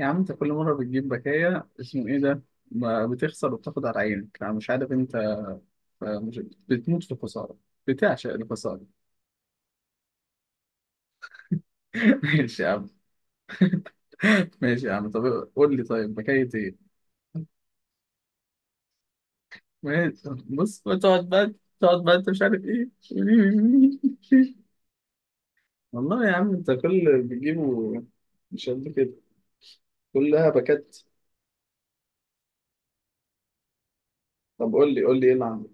يا عم انت كل مرة بتجيب بكاية اسمه ايه ده؟ ما بتخسر وبتاخد على عينك. انا مش عارف، انت مش بتموت في الخسارة؟ بتعشق الخسارة. ماشي يا عم. ماشي يا عم، طب قول لي، طيب بكاية ايه؟ ماشي، بص، تقعد بقى. تقعد بقى انت مش عارف ايه. والله يا عم انت كل اللي بتجيبه مش قد كده، كلها باكات. طب قول لي ايه اللي عندك.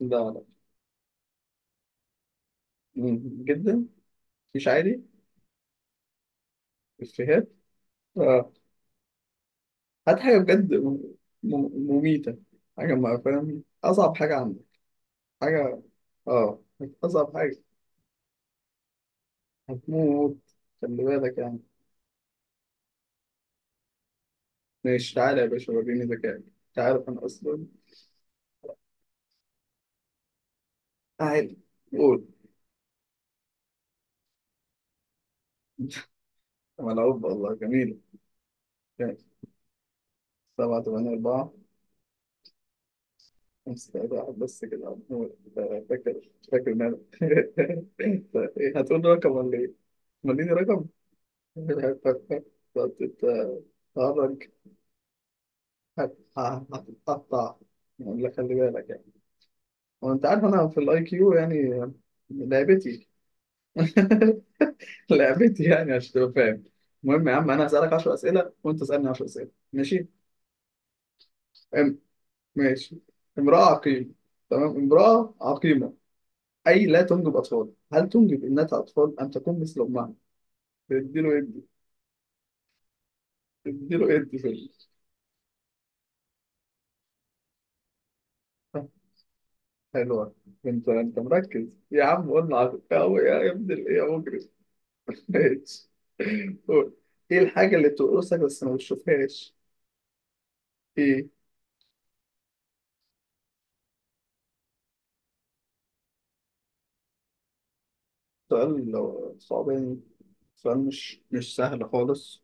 لا لا. مم. جدا، مش عادي. افيهات. آه. هات حاجة بجد، مميتة. حاجة، ما فاهم أصعب حاجة عندك. حاجة. آه أصعب حاجة. هتموت، خلي بالك يعني. ماشي، تعالى يا باشا وريني ذكائك. أنت عارف أنا أصلا. تعالى، قول. ملعوب والله، جميل. ماشي. 7 8 4. 5 3 1. بس كده عمور. أنت فاكر؟ فاكر مالك؟ أنت إيه، هتقول لي رقم ولا إيه؟ مديني رقم. هتتهرج. هتتقطع، ولا خلي بالك يعني. وانت عارف انا في الاي كيو، يعني لعبتي. لعبتي يعني، عشان تبقى فاهم. المهم يا عم، انا هسألك 10 اسئله وانت اسألني 10 اسئله، ماشي؟ أم. ماشي. امرأة عقيمة. تمام، امرأة عقيمة. اي لا تنجب اطفال، هل تنجب ابنتها اطفال ام تكون مثل امها؟ اديله ادي. اديله ادي في حلوة. انت مركز يا عم، قلنا عقيمة، يا ابن الايه يا مجرم. ماشي، قول. ايه الحاجة اللي بتقرصك بس ما بتشوفهاش؟ ايه؟ سؤال صعباني. سؤال مش سهل خالص.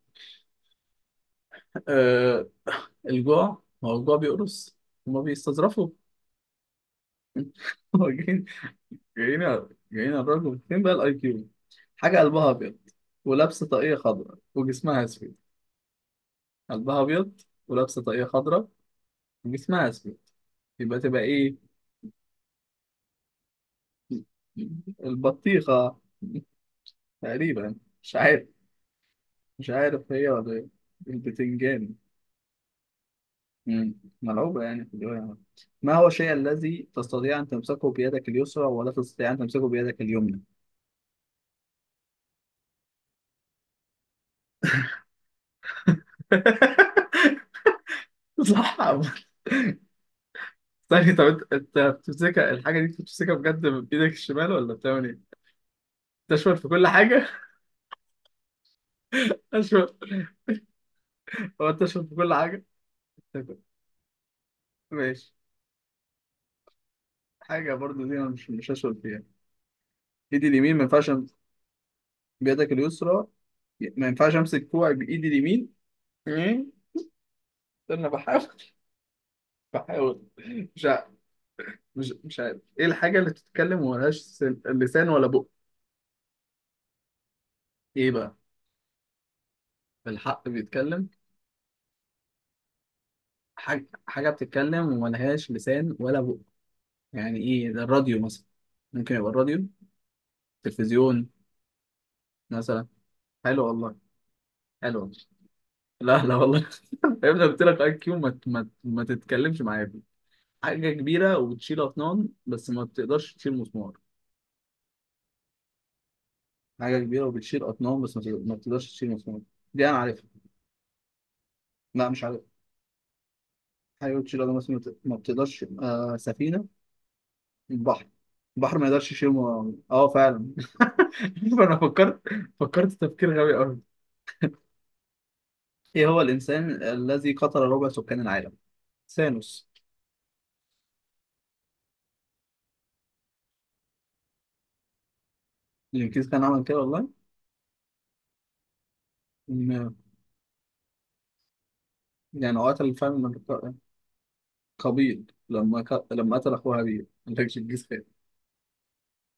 آه. الجوع، ما هو الجوع بيقرص. هما بيستظرفوا. هو جايين. جايين على الراجل، فين بقى الاي كيو؟ حاجة قلبها أبيض ولابسة طاقية خضراء وجسمها أسود. قلبها أبيض ولابسة طاقية خضراء وجسمها أسود، يبقى تبقى إيه؟ البطيخة تقريبا. مش عارف. مش عارف هي ولا إيه. البتنجان. مم. ملعوبة يعني في الرواية. ما هو الشيء الذي تستطيع أن تمسكه بيدك اليسرى ولا تستطيع أن تمسكه بيدك اليمنى؟ صح. ثاني، طب انت بتمسكها الحاجة دي بتمسكها بجد بإيدك الشمال ولا بتعمل إيه؟ تشمل في كل حاجة؟ أشمل. هو تشمل في كل حاجة؟ طيب. ماشي. حاجة برضو دي أنا مش هسأل فيها. إيدي اليمين ما ينفعش بيدك اليسرى ما ينفعش أمسك كوعي بإيدي اليمين. مين؟ استنى، بحاول. بحاول. مش ع... مش مش عارف ايه الحاجة اللي بتتكلم وملهاش لسان ولا بق. ايه بقى؟ بالحق بيتكلم. حاجة بتتكلم وملهاش لسان ولا بق، يعني ايه ده؟ الراديو مثلا. ممكن يبقى الراديو. تلفزيون مثلا. حلو والله. حلو والله. لا لا والله. يا ابني قلت لك اي كيو، ما تتكلمش معايا فيه. حاجة كبيرة وبتشيل أطنان بس ما بتقدرش تشيل مسمار. حاجة كبيرة وبتشيل أطنان بس ما بتقدرش تشيل مسمار. دي أنا عارفها. لا مش عارف. حاجة بتشيل أجناس ما بتقدرش. سفينة. البحر. البحر ما يقدرش يشيل اه فعلا. فأنا فكرت. فكرت تفكير غبي أوي. إيه هو الإنسان الذي قتل ربع سكان العالم؟ ثانوس. الإنجليز كان عمل كده والله. إن. يعني هو قتل فعلا قابيل لما قتل أخوه هابيل، ما كانش الجيز خير.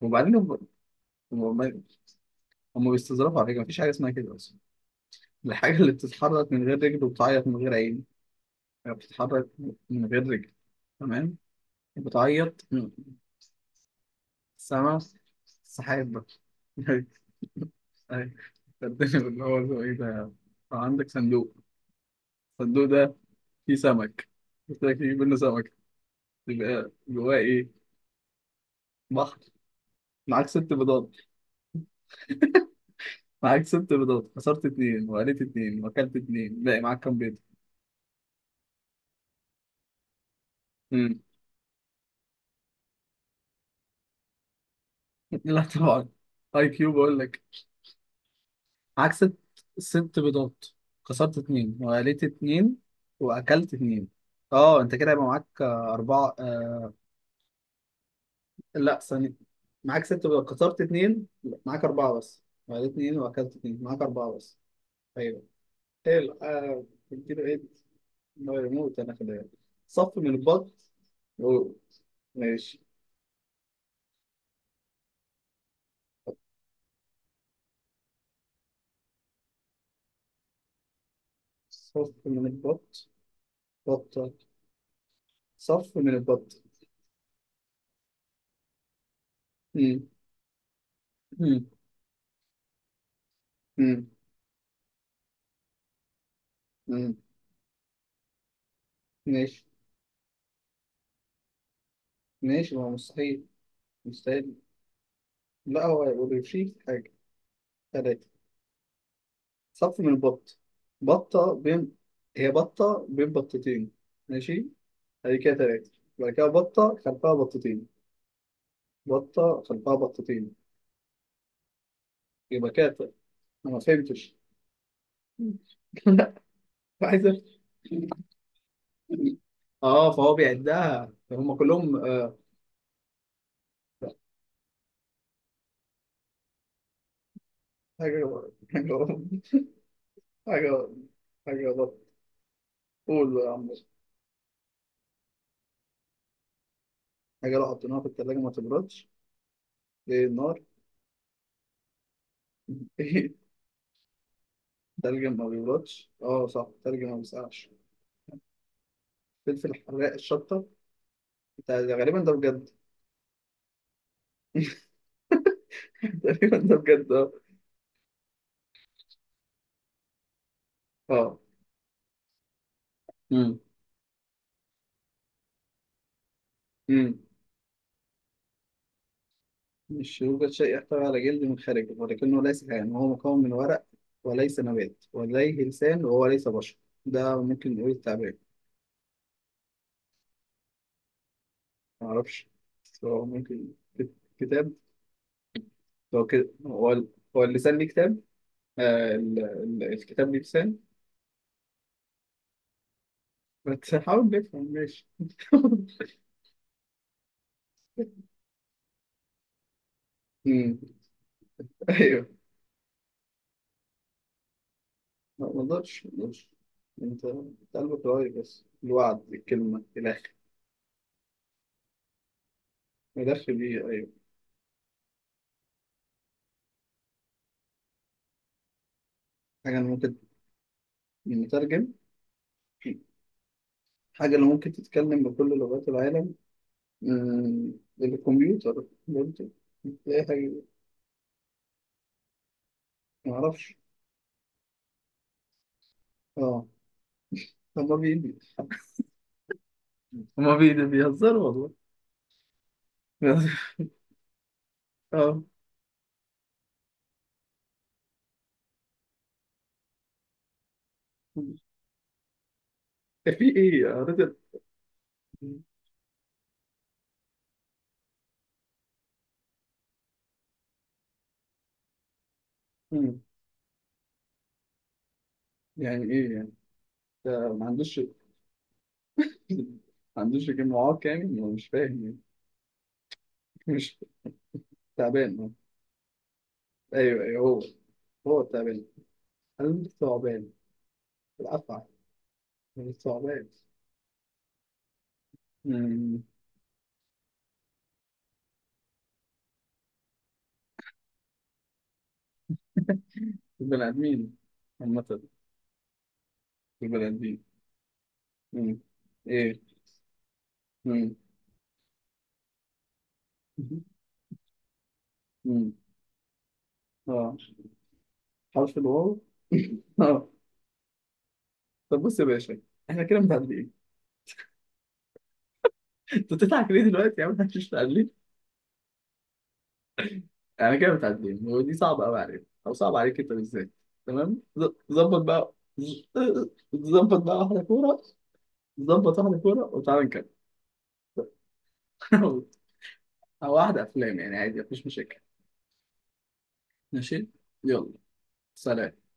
وبعدين هم هم بيستظرفوا على فكرة، مفيش حاجة اسمها كده أصلا. الحاجة اللي بتتحرك من غير رجل وبتعيط من غير عين. يعني بتتحرك من غير رجل، تمام، بتعيط. السما. السحاب بقى. أيوة. أيوة. الدنيا اللي هو اسمه ايه ده. آه، عندك صندوق. الصندوق ده فيه سمك. قلت لك فيه منه سمك، يبقى جواه ايه؟ بحر. معاك ست بيضات. معاك ست بيضات، كسرت اتنين وقليت اتنين واكلت اتنين، باقي معاك كام بيضة؟ مم. لا طبعا. اي كيو بقول لك. معاك ست. ست بيضات، كسرت اتنين وقليت اتنين واكلت اتنين. اه انت كده يبقى معاك اربعة لا، ثانية. معاك ست بقى، كسرت اتنين، لا، معاك أربعة، بس معاك اتنين وأكلت اتنين، معاك أربعة بس. أيوه. إيه ال- آه، كده إيه؟ ما يموت أنا في ده. صف من البط. و- ماشي. صف من البط. بطة. صف من البط. مم. مم. مم. مم. ماشي. ماشي، ما هو مستحيل. مستحيل. لا هو هيقول يشيل حاجة. تلاتة. صف من البط. بطة بين. هي بطة بين بطتين. ماشي، هذه كده تلاتة. يبقى كده بطة خلفها بطتين. بطة خلفها بطتين، يبقى كده تلاتة. أنا ما فهمتش. لا. عايز أفهم. اه فهو بيعدها هم كلهم آه. حاجة حاجة حاجة حاجة بط، قول بقى يا عم. حاجة لو حطيناها في التلاجة ما تبردش. ايه، النار؟ ايه؟ تلج ما بيبردش، اه صح، تلج ما بيسقعش. فلفل، حراق الشطة. ده غالبا ده بجد. تقريبا ده بجد، اه. اه. امم امم مش. يوجد شيء يحتوي على جلد من خارجه ولكنه ليس حيوان وهو مكون من ورق وليس نبات ولديه لسان وهو ليس بشر. ده ممكن نقول التعبير. معرفش، بس هو ممكن. كت- كتاب. هو كده هو اللسان ليه كتاب؟ الكتاب ليه لسان. بس حاول نفهم، ماشي. أمم، ايوه. لا، ما اقدرش، ما اقدرش. أنت قلبك رايق، بس الوعد، الكلمة، الأخ. ملف بيه، أيوه. حاجة أنا ممكن. نترجم. حاجة اللي ممكن تتكلم بكل لغات العالم. آه، الكمبيوتر برضه. تلاقي حاجة. معرفش. اه. هما بي هما بي بيهزروا والله. اه، إيه، في ايه قريت؟ مم. يعني ايه يعني؟ ده ما عندوش. ما عندوش جمعات، كامل أنا مش فاهم يعني. مش. تعبان آه. ايوه ايوه، هو. هو تعبان. قلب تعبان. الافعى. الثعبان. مم. البني آدمين، عامة، البني آدمين. مم. إيه. مم. مم. آه. حرف الواو. آه. طب بص يا باشا، إحنا كده متعادلين. أنت بتضحك ليه دلوقتي يا عم؟ إحنا مش متعادلين. إحنا كده متعادلين، ودي صعبة أوي عليك، أو صعبة عليك أنت بالذات. تمام، ظبط بقى، ظبط بقى واحدة كورة. ظبط واحدة كورة وتعالى نكمل. أو واحدة أفلام يعني، عادي مفيش مشاكل. ماشي. يلا سلام.